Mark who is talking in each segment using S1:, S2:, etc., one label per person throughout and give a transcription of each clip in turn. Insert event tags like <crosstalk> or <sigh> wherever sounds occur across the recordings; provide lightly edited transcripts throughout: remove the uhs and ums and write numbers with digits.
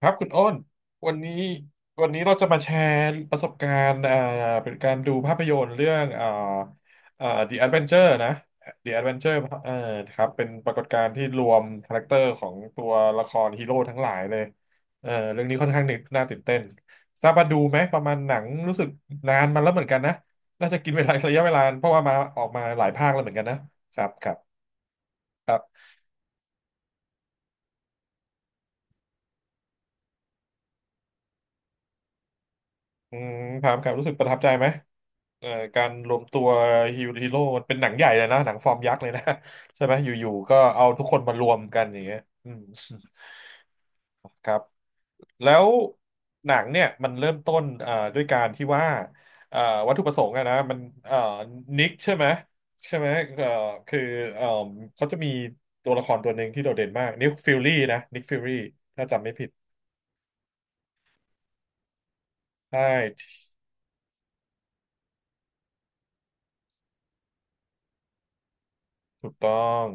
S1: ครับคุณอ้นวันนี้วันนี้เราจะมาแชร์ประสบการณ์เป็นการดูภาพยนตร์เรื่องThe Adventure นะ The Adventure เอ่อครับเป็นปรากฏการณ์ที่รวมคาแรคเตอร์ของตัวละครฮีโร่ทั้งหลายเลยเออเรื่องนี้ค่อนข้างน่าตื่นเต้นทราบว่าดูไหมประมาณหนังรู้สึกนานมาแล้วเหมือนกันนะน่าจะกินเวลา <laughs> ระยะเวลาเพราะว่ามาออกมาหลายภาคแล้วเหมือนกันนะครับครับครับอืมครับครับรู้สึกประทับใจไหม เอ่อการรวมตัวฮีโร่มันเป็นหนังใหญ่เลยนะหนังฟอร์มยักษ์เลยนะ <laughs> ใช่ไหมอยู่ๆก็เอาทุกคนมารวมกันอย่างเงี้ยอืม <laughs> ครับแล้วหนังเนี่ยมันเริ่มต้นด้วยการที่ว่าเอ่อวัตถุประสงค์อะนะมันเอ่อนิกใช่ไหมใช่ไหมเอ่อคือเอ่อเขาจะมีตัวละครตัวหนึ่งที่โดดเด่นมากนิกฟิลลี่นะนิกฟิลลี่ถ้าจำไม่ผิดใช่ถูกต้อง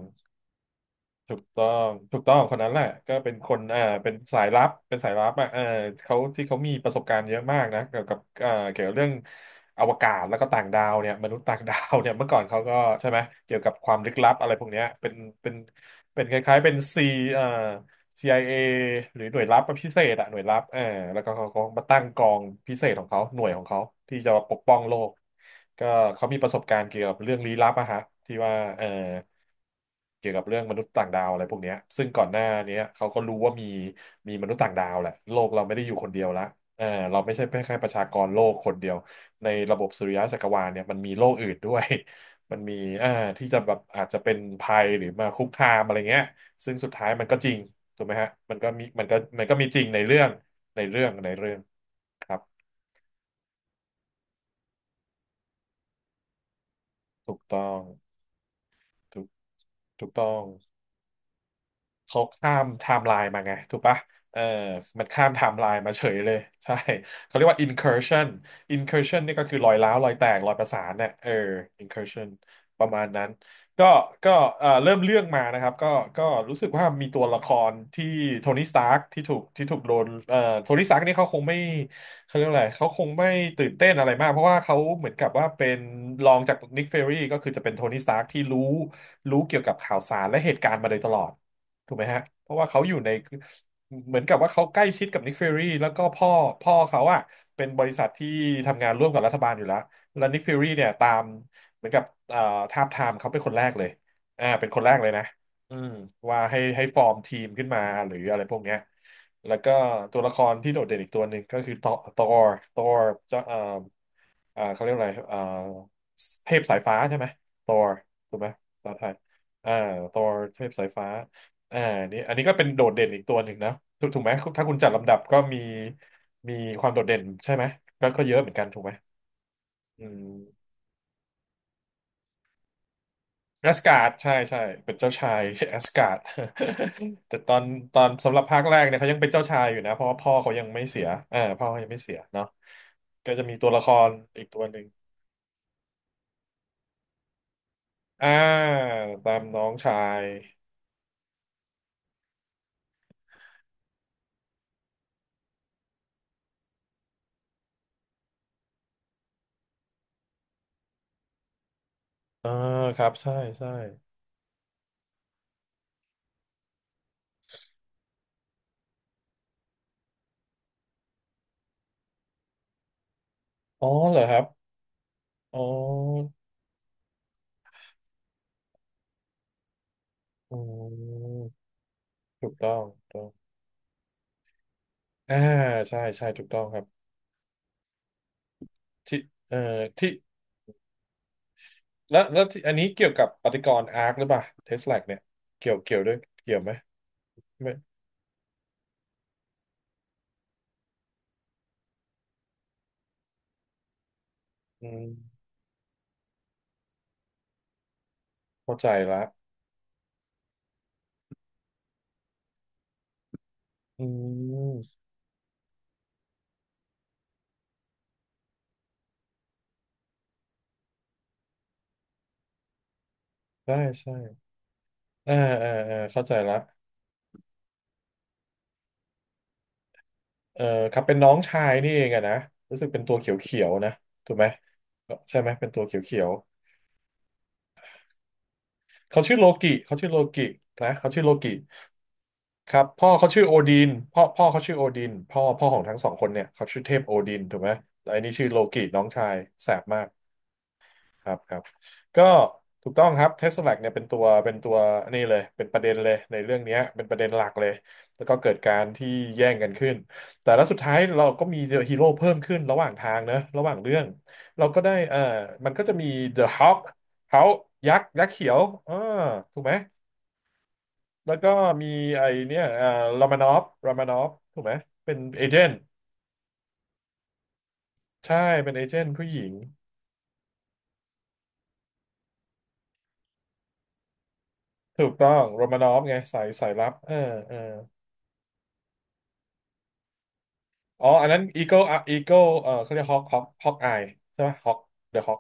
S1: ถูกต้องถูกต้องคนนั้นแหละก็เป็นคนเป็นสายลับเป็นสายลับอ่ะเออเขาที่เขามีประสบการณ์เยอะมากนะเกี่ยวกับเกี่ยวกับเรื่องอวกาศแล้วก็ต่างดาวเนี่ยมนุษย์ต่างดาวเนี่ยเมื่อก่อนเขาก็ใช่ไหมเกี่ยวกับความลึกลับอะไรพวกเนี้ยเป็นเป็นคล้ายๆเป็นซีเอ่อ CIA หรือหน่วยลับพิเศษอะหน่วยลับเออแล้วก็เขาก็มาตั้งกองพิเศษของเขาหน่วยของเขาที่จะปกป้องโลกก็เขามีประสบการณ์เกี่ยวกับเรื่องลี้ลับอะฮะที่ว่าเออ เกี่ยวกับเรื่องมนุษย์ต่างดาวอะไรพวกเนี้ยซึ่งก่อนหน้าเนี้ยเขาก็รู้ว่ามีมนุษย์ต่างดาวแหละโลกเราไม่ได้อยู่คนเดียวละเออเราไม่ใช่แค่ประชากรโลกคนเดียว ในระบบสุริยะจักรวาลเนี่ยมันมีโลกอื่นด้วย <laughs> มันมีเอ่าที่จะแบบอาจจะเป็นภัยหรือมาคุกคามอะไรเงี้ยซึ่งสุดท้ายมันก็จริงถูกไหมฮะมันก็มีมันก็มีจริงในเรื่องในเรื่องครับถูกต้องถูกถูกต้อง เขาข้ามไทม์ไลน์มาไงถูกปะเออมันข้ามไทม์ไลน์มาเฉยเลยใช่ เขาเรียกว่า incursion incursion นี่ก็คือรอยร้าวรอยแตกรอยประสานเนี่ยเออ incursion ประมาณนั้นก็ก็เริ่มเรื่องมานะครับก็รู้สึกว่ามีตัวละครที่โทนี่สตาร์กที่ถูกโดนโทนี่สตาร์กนี่เขาคงไม่เขาเรียกอะไรเขาคงไม่ตื่นเต้นอะไรมากเพราะว่าเขาเหมือนกับว่าเป็นรองจากนิกเฟอรี่ก็คือจะเป็นโทนี่สตาร์กที่รู้เกี่ยวกับข่าวสารและเหตุการณ์มาโดยตลอด ถูกไหมฮะเพราะว่าเขาอยู่ในเหมือนกับว่าเขาใกล้ชิดกับนิกฟิวรีแล้วก็พ่อเขาอะเป็นบริษัทที่ทำงานร่วมกับรัฐบาลอยู่แล้วแล้วนิกฟิวรีเนี่ยตามเหมือนกับเอ่อทาบทามเขาเป็นคนแรกเลยเป็นคนแรกเลยนะอืมว่าให้ฟอร์มทีมขึ้นมาหรืออะไรพวกเนี้ยแล้วก็ตัวละครที่โดดเด่นอีกตัวหนึ่งก็คือ Thor Thor Thor เจ้าเขาเรียกอะไรเทพสายฟ้าใช่ไหมตอร์ถูกไหมภาษาไทยอ่าตอร์เทพสายฟ้าอ่านี่อันนี้ก็เป็นโดดเด่นอีกตัวหนึ่งนะถูกไหมถ้าคุณจัดลำดับก็มีมีความโดดเด่นใช่ไหมก็เยอะเหมือนกันถูกไหมอืมแอสการ์ดใช่ใช่เป็นเจ้าชายแอสการ์ด <laughs> แต่ตอนตอนสำหรับภาคแรกเนี่ยเขายังเป็นเจ้าชายอยู่นะเพราะว่าพ่อเขายังไม่เสียพ่อเขายังไม่เสียเนาะก็จะมีตัวละครอีกตัวหนึ่งอ่าตามน้องชาย อ่าครับใช่ใช่อ๋อเหรอครับอ๋ออืมถูกต้องถูกต้องอ่าใช่ใช่ถูกต้องครับที่เอ่อที่แล้วแล้วที่อันนี้เกี่ยวกับปฏิกรณ์อาร์คหรือเปล่าเทสลาเนี่ยเกี่ยวด้วยเกี่ยวไหมไม่อืมเข้าใจละอืมใช่ใช่อ่าอ่าเข้าใจละเออครับเป็นน้องชายนี่เองอะนะรู้สึกเป็นตัวเขียวเขียวนะถูกไหมใช่ไหมเป็นตัวเขียวเขียวเขาชื่อโลกิเขาชื่อโลกินะเขาชื่อโลกิ ครับพ่อเขาชื่อโอดินพ่อพ่อเขาชื่อโอดินพ่อของทั้งสองคนเนี่ยเขาชื่อเทพโอดินถูกไหมแล้วอันนี้ชื่อโลกิน้องชายแสบมากครับครับก็ถูกต้องครับเทสลาเนี่ยเป็นตัวนี่เลยเป็นประเด็นเลยในเรื่องเนี้ยเป็นประเด็นหลักเลยแล้วก็เกิดการที่แย่งกันขึ้นแต่แล้วสุดท้ายเราก็มีฮีโร่เพิ่มขึ้นระหว่างทางนะระหว่างเรื่องเราก็ได้เออมันก็จะมี The Hulk เขายักษ์ยักษ์เขียวอ่าถูกไหม แล้วก็มีไอเนี่ยรามานอฟถูกไหมเป็นเอเจนต์ใช่เป็นเอเจนต์ผู้หญิง ถูกต้องโรมานอฟไงสายสายลับเออเอออ๋ออันนั้นอีโก้อีโก้เออเขาเรียกฮอกอายใช่ไหมฮอกเดอะฮอก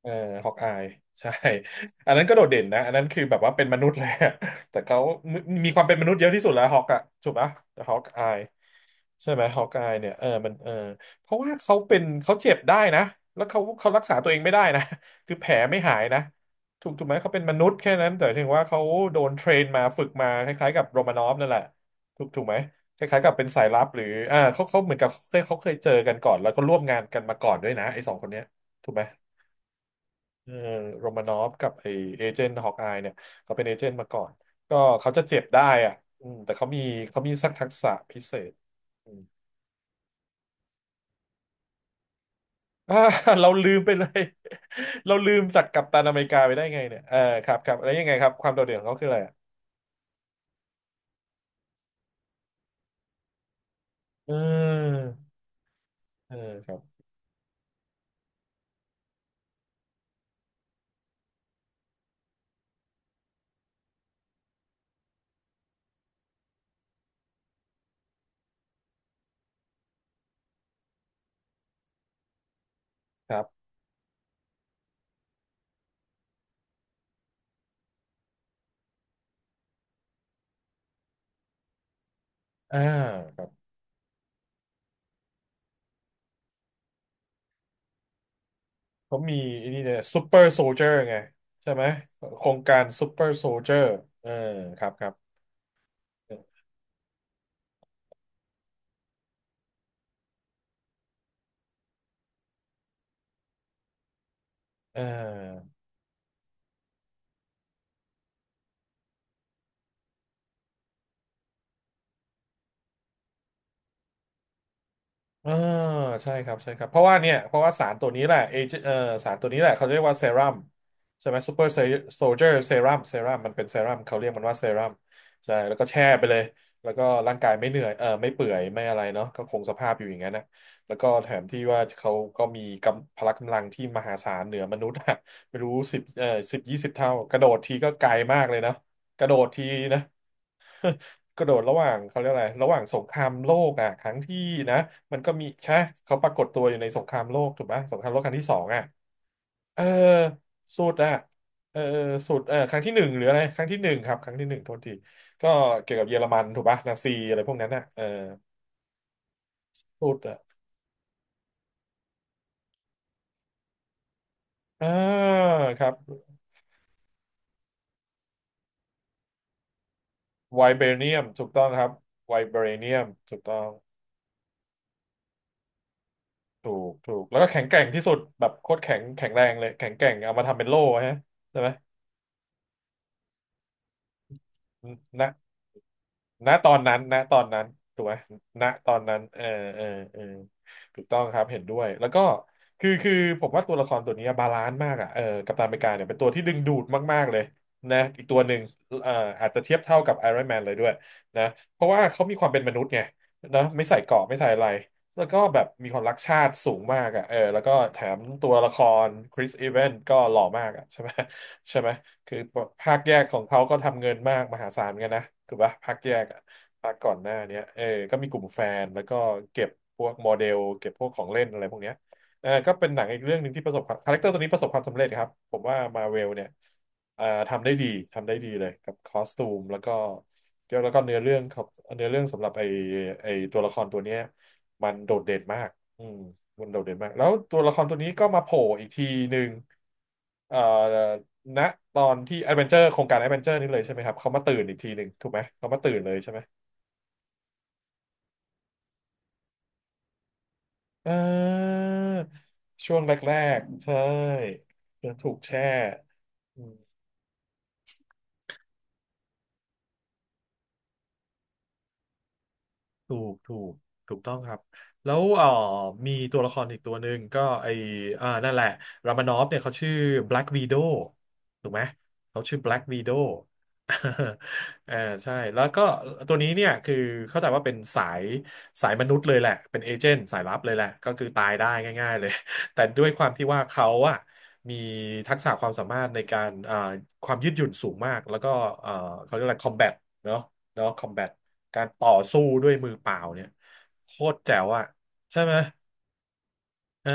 S1: เออฮอกอายใช่ <laughs> อันนั้นก็โดดเด่นนะอันนั้นคือแบบว่าเป็นมนุษย์เลย <laughs> อะแต่เขามีมีความเป็นมนุษย์เยอะที่สุดแล้วฮอกอะถูกปะฮอกอายใช่ไหมฮอกอายเนี่ยเออมันเออเพราะว่าเขาเจ็บได้นะแล้วเขารักษาตัวเองไม่ได้นะ <laughs> คือแผลไม่หายนะถูกไหมเขาเป็นมนุษย์แค่นั้นแต่ถึงว่าเขาโดนเทรนมาฝึกมาคล้ายๆกับโรมานอฟนั่นแหละถูกไหมคล้ายๆกับเป็นสายลับหรืออ่าเขาเหมือนกับเขาเคยเจอกันก่อนแล้วก็ร่วมงานกันมาก่อนด้วยนะไอ้สองคนเนี้ยถูกไหม เออโรมานอฟกับไอเอเจนต์ฮอกอายเนี่ยเขาเป็นเอเจนต์มาก่อนก็เขาจะเจ็บได้อ่ะอืมแต่เขามีสักทักษะพิเศษอืม <laughs> อ่า <laughs> เราลืมไปเลย <laughs> เราลืมจากกัปตันอเมริกาไปได้ไงเนี่ยเออครับครับแล้วยังไงครับความโดดเด่นของเขาคืออะไรอะเออเออครับครับอ่าครับเขามีไอันนี้เนี่ยซูเปอร์โซลเจอร์ไงใช่ไหมโครงการซูเปอร์โซลเจอร์เออครับครับเออ อ่าใช่ครับใช่ครับเพราะว่าเนี่ยเพราะว่าสารตัวนี้แหละเอเจเอ่อสารตัวนี้แหละเขาเรียกว่าเซรั่มใช่ไหมซูเปอร์โซลเจอร์เซรั่มมันเป็นเซรั่มเขาเรียกมันว่าเซรั่มใช่แล้วก็แช่ไปเลยแล้วก็ร่างกายไม่เหนื่อยไม่เปื่อยไม่อะไรเนาะก็คงสภาพอยู่อย่างนั้นนะแล้วก็แถมที่ว่าเขาก็มีกำพละกำลังที่มหาศาลเหนือมนุษย์อะไม่รู้สิบยี่สิบเท่ากระโดดทีก็ไกลมากเลยนะกระโดดทีนะ กระโดดระหว่างเขาเรียกอะไรระหว่างสงครามโลกอ่ะครั้งที่นะมันก็มีใช่เขาปรากฏตัวอยู่ในสงครามโลกถูกปะสงครามโลกครั้งที่สองอ่ะเออสุดอ่ะเออสุดเออครั้งที่หนึ่งหรืออะไรครั้งที่หนึ่งครับครั้งที่หนึ่งโทษทีก็เกี่ยวกับเยอรมันถูกปะ นาซีอะไรพวกนั้นอ่ะเออสุดอ่ะอ่าครับไวเบเนียมถูกต้องครับไวเบเนียมถูกต้องถูกถูก แล้วก็แข็งแกร่งที่สุดแบบโคตรแข็งแข็งแรงเลยแข็งแกร่งเอามาทำเป็นโล่ฮะใช่ไหมนะ ณตอนนั้นถูกไหมณตอนนั้นเออเออเออถูกต้องครับ เห็นด้วย แล้วก็คือผมว่าตัวละครตัวนี้บาลานซ์มากอ่ะเออกัปตันอเมริกาเนี่ยเป็นตัวที่ดึงดูดมากๆเลยนะอีกตัวหนึ่งเอ่ออาจจะเทียบเท่ากับไอรอนแมนเลยด้วยนะเพราะว่าเขามีความเป็นมนุษย์ไงนะไม่ใส่เกราะไม่ใส่อะไร แล้วก็แบบมีความรักชาติสูงมากอ่ะเออแล้วก็แถมตัวละครคริสอีเวนก็หล่อมากอ่ะใช่ไหมใช่ไหม คือภาคแยกของเขาก็ทำเงินมากมหาศาลเหมือนกันนะถูกปะภาคแยกอะภาคก่อนหน้าเนี้ยเออก็มีกลุ่มแฟนแล้วก็เก็บพวกโมเดลเก็บพวกของเล่นอะไรพวกเนี้ยเออก็เป็นหนังอีกเรื่องหนึ่งที่ประสบความคาแรคเตอร์ตัวนี้ประสบความสำเร็จครับผมว่ามาเวลเนี่ยเอ่อทำได้ดีทำได้ดีเลยกับคอสตูมแล้วก็แล้วก็เนื้อเรื่องครับเนื้อเรื่องสำหรับไอไอตัวละครตัวเนี้ยมันโดดเด่นมากอืมมันโดดเด่นมากแล้วตัวละครตัวนี้ก็มาโผล่อีกทีหนึ่งเอ่อ ณตอนที่แอดเวนเจอร์โครงการแอดเวนเจอร์นี่เลยใช่ไหมครับเขามาตื่นอีกทีหนึ่งถูกไหมเขามาตื่นเลยใช่ไหมเออช่วงแรกๆใช่ถูกแช่อืม ถูกถูกถูกต้องครับแล้วมีตัวละครอีกตัวหนึ่งก็ไออ่านั่นแหละรามานอฟเนี่ยเขาชื่อ Black Widow ถูกไหมเขาชื่อ Black Widow <laughs> เออใช่แล้วก็ตัวนี้เนี่ยคือเข้าใจว่าเป็นสายมนุษย์เลยแหละเป็นเอเจนต์สายลับเลยแหละก็คือตายได้ง่ายๆเลย <laughs> แต่ด้วยความที่ว่าเขาอะมีทักษะความสามารถในการความยืดหยุ่นสูงมากแล้วก็เอ่อเขาเรียกอะไรคอมแบทเนาะ เนาะคอมแบทการต่อสู้ด้วยมือเปล่าเนี่ยโคตรแจ๋วอะใช่ไหม เออ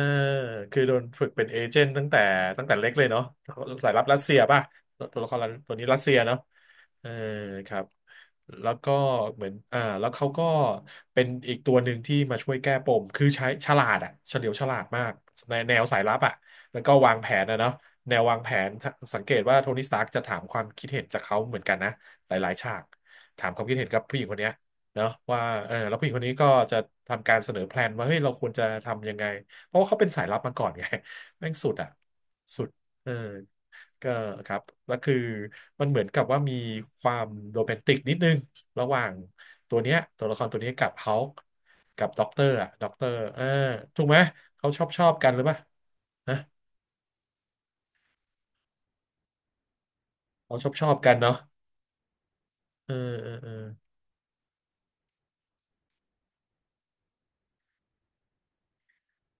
S1: คือโดนฝึกเป็นเอเจนต์ตั้งแต่ตั้งแต่เล็กเลยเนาะสายลับรัสเซียป่ะตัวละครตัวนี้รัสเซียเนาะเออครับแล้วก็เหมือนแล้วเขาก็เป็นอีกตัวหนึ่งที่มาช่วยแก้ปมคือใช้ฉลาดอะเฉลียวฉลาดมากในแนวสายลับอะแล้วก็วางแผนนะเนาะแนววางแผนถ้าสังเกตว่าโทนี่สตาร์กจะถามความคิดเห็นจากเขาเหมือนกันนะหลายๆฉากถามความคิดเห็นกับผู้หญิงคนเนี้ยเนาะว่าเออแล้วผู้หญิงคนนี้ก็จะทำการเสนอแพลนว่าเฮ้ยเราควรจะทำยังไง เพราะว่าเขาเป็นสายลับมาก่อนไง <laughs> แม่งสุดอ่ะสุดเออก็ครับแล้วคือมันเหมือนกับว่ามีความโรแมนติกนิดนึงระหว่างตัวเนี้ยตัวละครตัวเนี้ยกับเฮากับด็อกเตอร์อ่ะด็อกเตอร์เออถูกไหมเขาชอบชอบกันหรือเปล่านะเขาชอบชอบกันเนาะเออเออเออ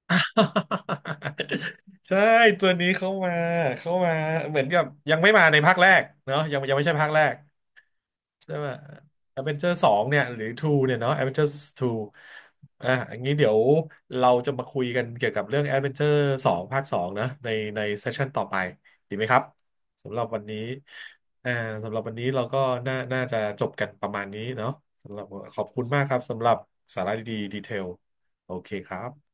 S1: <laughs> ใช่ตัวนี้เข้ามาเข้ามาเหมือนกับยังไม่มาในภาคแรกเนาะยังไม่ใช่ภาคแรก ใช่ไหมแอดเวนเจอร์สองเนี่ยหรือทูเนี่ยเนาะแอดเวนเจอร์ทูอ่ะอันนี้เดี๋ยวเราจะมาคุยกันเกี่ยวกับเรื่องแอดเวนเจอร์สองภาคสองนะในเซสชันต่อไปดีไหมครับสำหรับวันนี้อ่าสำหรับวันนี้เราก็น่าจะจบกันประมาณนี้เนาะสำหรับขอบคุณมากครับสำหรับสาระดีๆดีเทลโอเคครับ